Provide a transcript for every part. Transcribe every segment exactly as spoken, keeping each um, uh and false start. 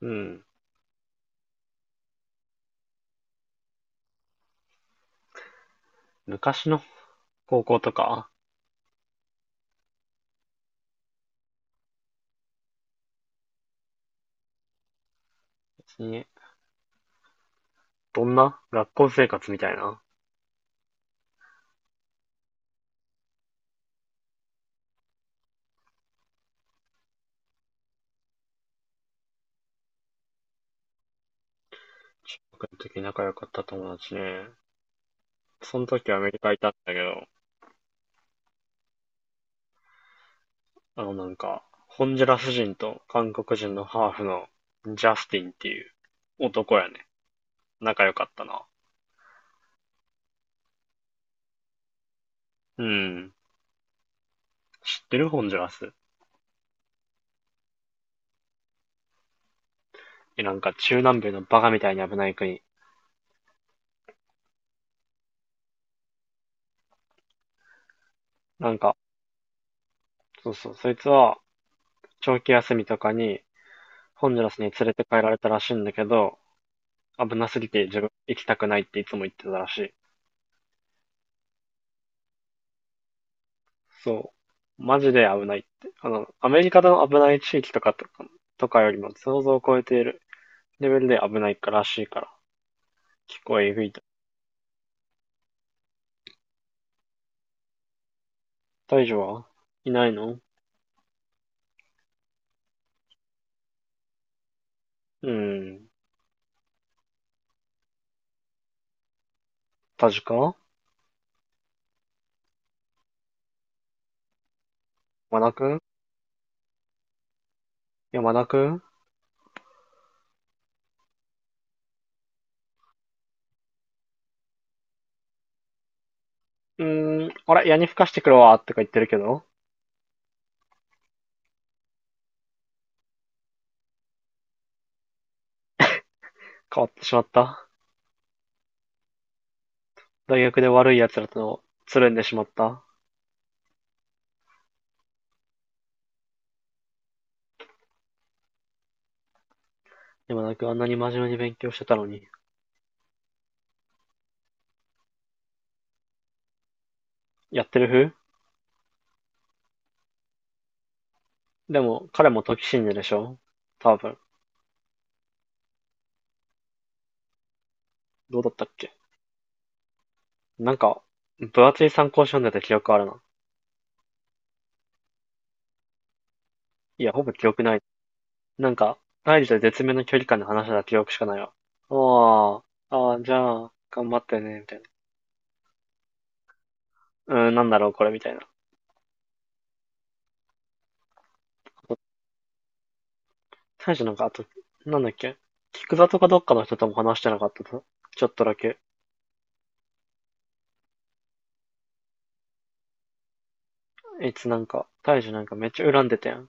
うん。昔の高校とか、別に、どんな学校生活みたいな。僕の時仲良かった友達ね。その時アメリカいたんだけど、あのなんか、ホンジュラス人と韓国人のハーフのジャスティンっていう男やね。仲良かったな。うん。知ってる？ホンジュラス。え、なんか中南米のバカみたいに危ない国。なんか、そうそう、そいつは長期休みとかにホンジュラスに連れて帰られたらしいんだけど、危なすぎて自分行きたくないっていつも言ってたらしい。そう。マジで危ないって。あの、アメリカの危ない地域とかとか、とかよりも想像を超えているレベルで危ないからしいから。結構えぐいと。大丈夫はいないの？うん。田か山田くん山田くんうーん、あれ矢に吹かしてくるわ、とか言ってるけど、変わってしまった。大学で悪い奴らとつるんでしまった。山田くんあんなに真面目に勉強してたのに。やってる風でも、彼も時信者でしょ、多分。どうだったっけ。なんか、分厚い参考書読んでた記憶あるな。いや、ほぼ記憶ない。なんか、大事と絶妙な距離感で話してた記憶しかないわ。ああ、ああ、じゃあ、頑張ってね、みたいな。うーん、なんだろう、これ、みたいな。大事なんか、あと、なんだっけ、菊座とかどっかの人とも話してなかったと。ちょっとだけ。あいつなんか、大事なんかめっちゃ恨んでたやん。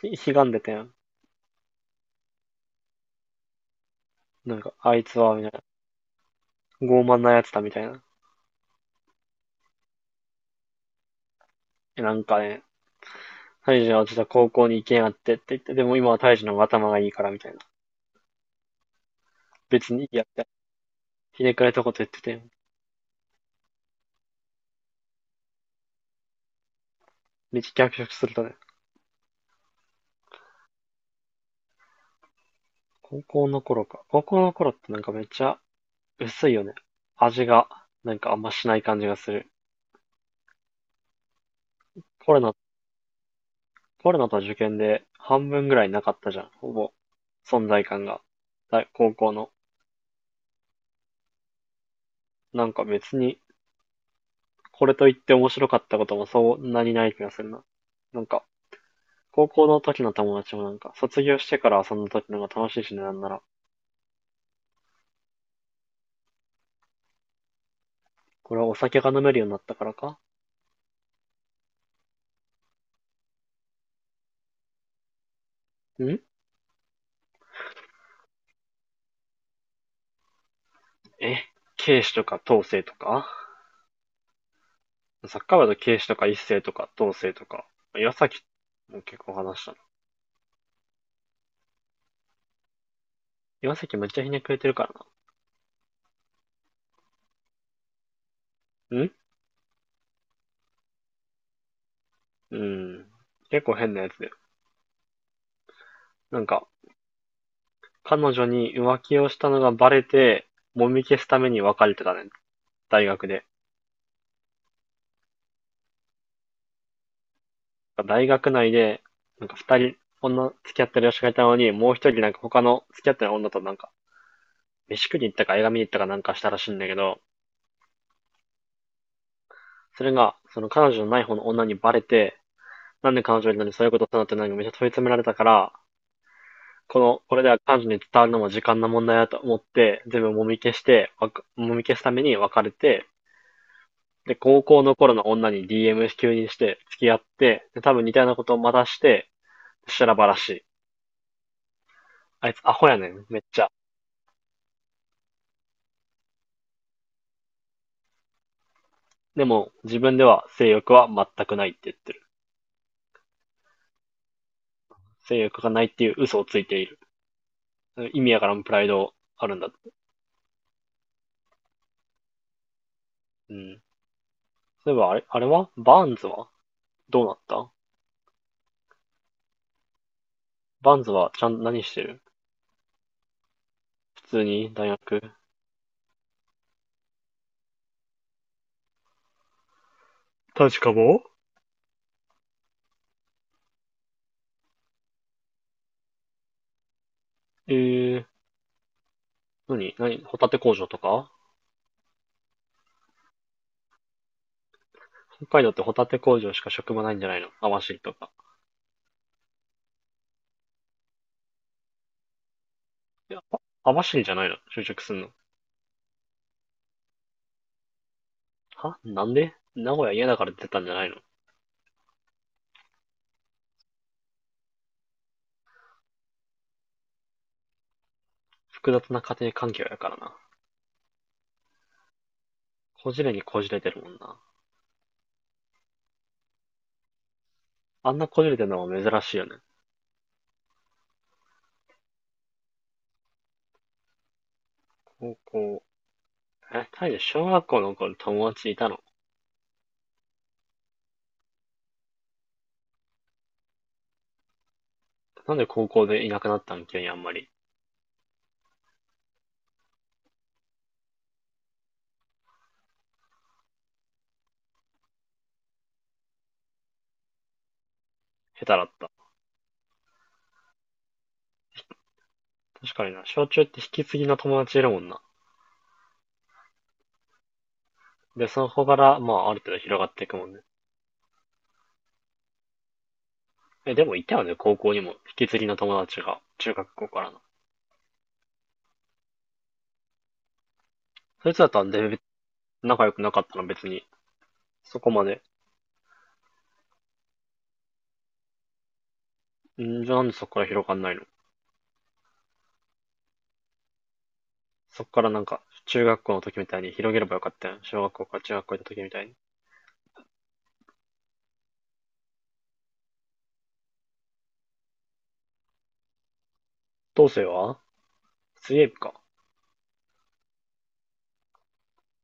ひ悲願でたやん。なんか、あいつは、みたいな。傲慢なやつだ、みたいな。なんかね、タイジは実は高校に行けんやってって言って、でも今はタイジの方が頭がいいからみたいな。別にいいやって、ひねくれたこと言ってて、めっちゃ逆色するとね、高校の頃か。高校の頃ってなんかめっちゃ薄いよね。味が、なんかあんましない感じがする。コロナ、コロナと受験で半分ぐらいなかったじゃん、ほぼ。存在感が。だ高校の。なんか別に、これといって面白かったこともそんなにない気がするな。なんか、高校の時の友達もなんか、卒業してから遊んだ時の方が楽しいしね、なんなら。これはお酒が飲めるようになったからか。ん。え警視とか統制とか、サッカー部だと警視とか一斉とか統制とか。岩崎も結構話したな。岩崎めっちゃひねくれてるからな。んうん。結構変なやつだよ。なんか、彼女に浮気をしたのがバレて、揉み消すために別れてたね。大学で。大学内で、なんかふたり、女付き合ってる女子がいたのに、もう一人なんか他の付き合ってる女となんか、飯食いに行ったか映画見に行ったかなんかしたらしいんだけど、それが、その彼女のない方の女にバレて、なんで彼女になにそういうことしたのってなんかめっちゃ問い詰められたから、この、これでは彼女に伝わるのも時間の問題だと思って、全部もみ消して、もみ消すために別れて、で、高校の頃の女に ディーエム 急にして付き合って、で、多分似たようなことをまたして、そしたらしい。あいつアホやねん、めっちゃ。でも、自分では性欲は全くないって言ってる。性欲がないっていう嘘をついている。意味やからもプライドあるんだ。うん。そういえば、あれ、あれはバーンズはどうなった？バンズはちゃん、何してる？普通に大学？確かも、ええ、何何ホタテ工場とか？北海道ってホタテ工場しか職場ないんじゃないの？網走とか。網走じゃないの就職すんの？はなんで名古屋嫌だから出たんじゃないの？複雑な家庭環境やからな。こじれにこじれてるもんな。あんなこじれてるのは珍しいよね。高校。え、タイで小学校の頃友達いたの？なんで高校でいなくなったん、急にあんまり。下手だった。確かにな、小中って引き継ぎの友達いるもんな。で、そこから、まあ、ある程度広がっていくもんね。え、でもいたよね、高校にも。引き継ぎの友達が、中学校からの。そいつだったら、で、仲良くなかったの別に。そこまで。んじゃあなんでそこから広がんないの？そこからなんか、中学校の時みたいに広げればよかったやん。小学校から中学校行った時みたいに。どうせは水泳部か。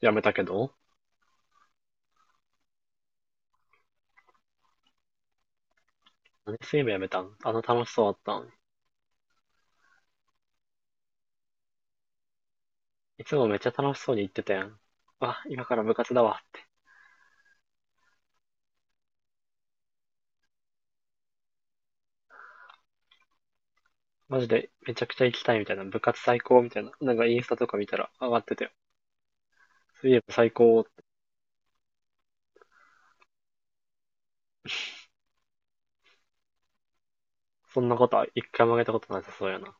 やめたけど、何水泳部やめたん？あの楽しそうだったのに。いつもめっちゃ楽しそうに行ってたやん。あ、今から部活だわって。マジでめちゃくちゃ行きたいみたいな。部活最高みたいな。なんかインスタとか見たら上がってて。そういえば最高。そんなことは一回もあげたことなさそうやな。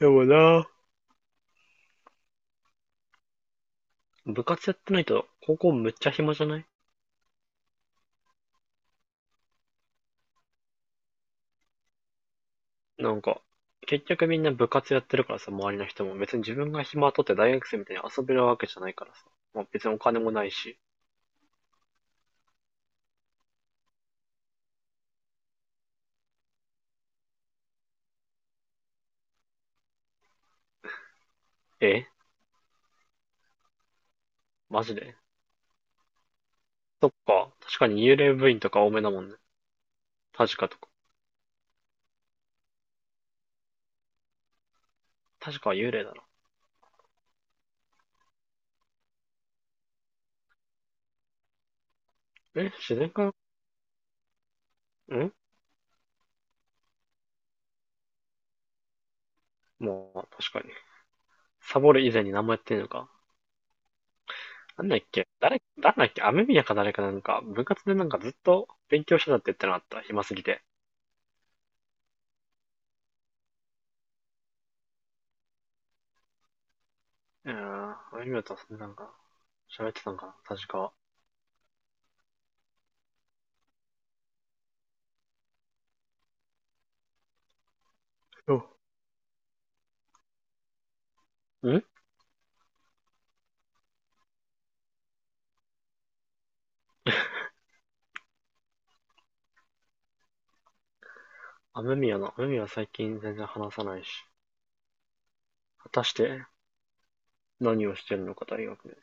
でもな。部活やってないと、高校むっちゃ暇じゃない？なんか、結局みんな部活やってるからさ、周りの人も。別に自分が暇取って大学生みたいに遊べるわけじゃないからさ。まあ、別にお金もないし。え、マジで？そっか。確かに幽霊部員とか多めだもんね。確かとか。確かは幽霊だろ。え、自然科。ん、もう、確かに。サボる以前に何もやってんのか。なんだっけ、誰、誰だっけ、雨宮か誰か、なんか、部活でなんかずっと勉強してたって言ってなかった？暇すぎて。うん。雨宮とはそんなんか、喋ってたんかな確か。うん。雨宮の、雨宮は最近全然話さないし。果たして何をしてるのか大学で。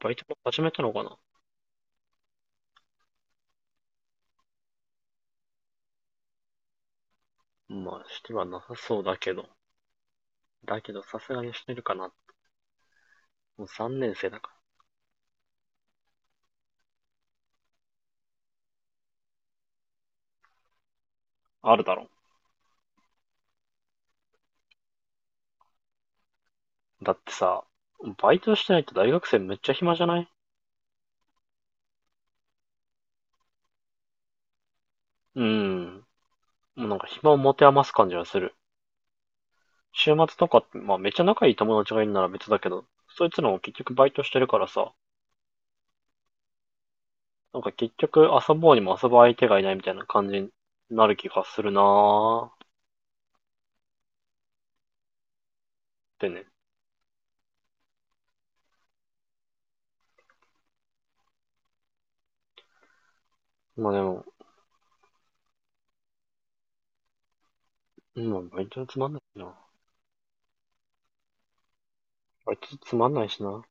バイトも始めたのかな？まあ、してはなさそうだけど。だけどさすがにしてるかな。もうさんねん生だから。あるだろ。だってさ、バイトしてないと大学生めっちゃ暇じゃない？うん。もうなんか暇を持て余す感じがする。週末とかって、まあめっちゃ仲いい友達がいるなら別だけど、そいつらも結局バイトしてるからさ、なんか結局遊ぼうにも遊ぶ相手がいないみたいな感じになる気がするなーってね。まあでも、うん、バイトつまんないしな。バイトつまんないしな。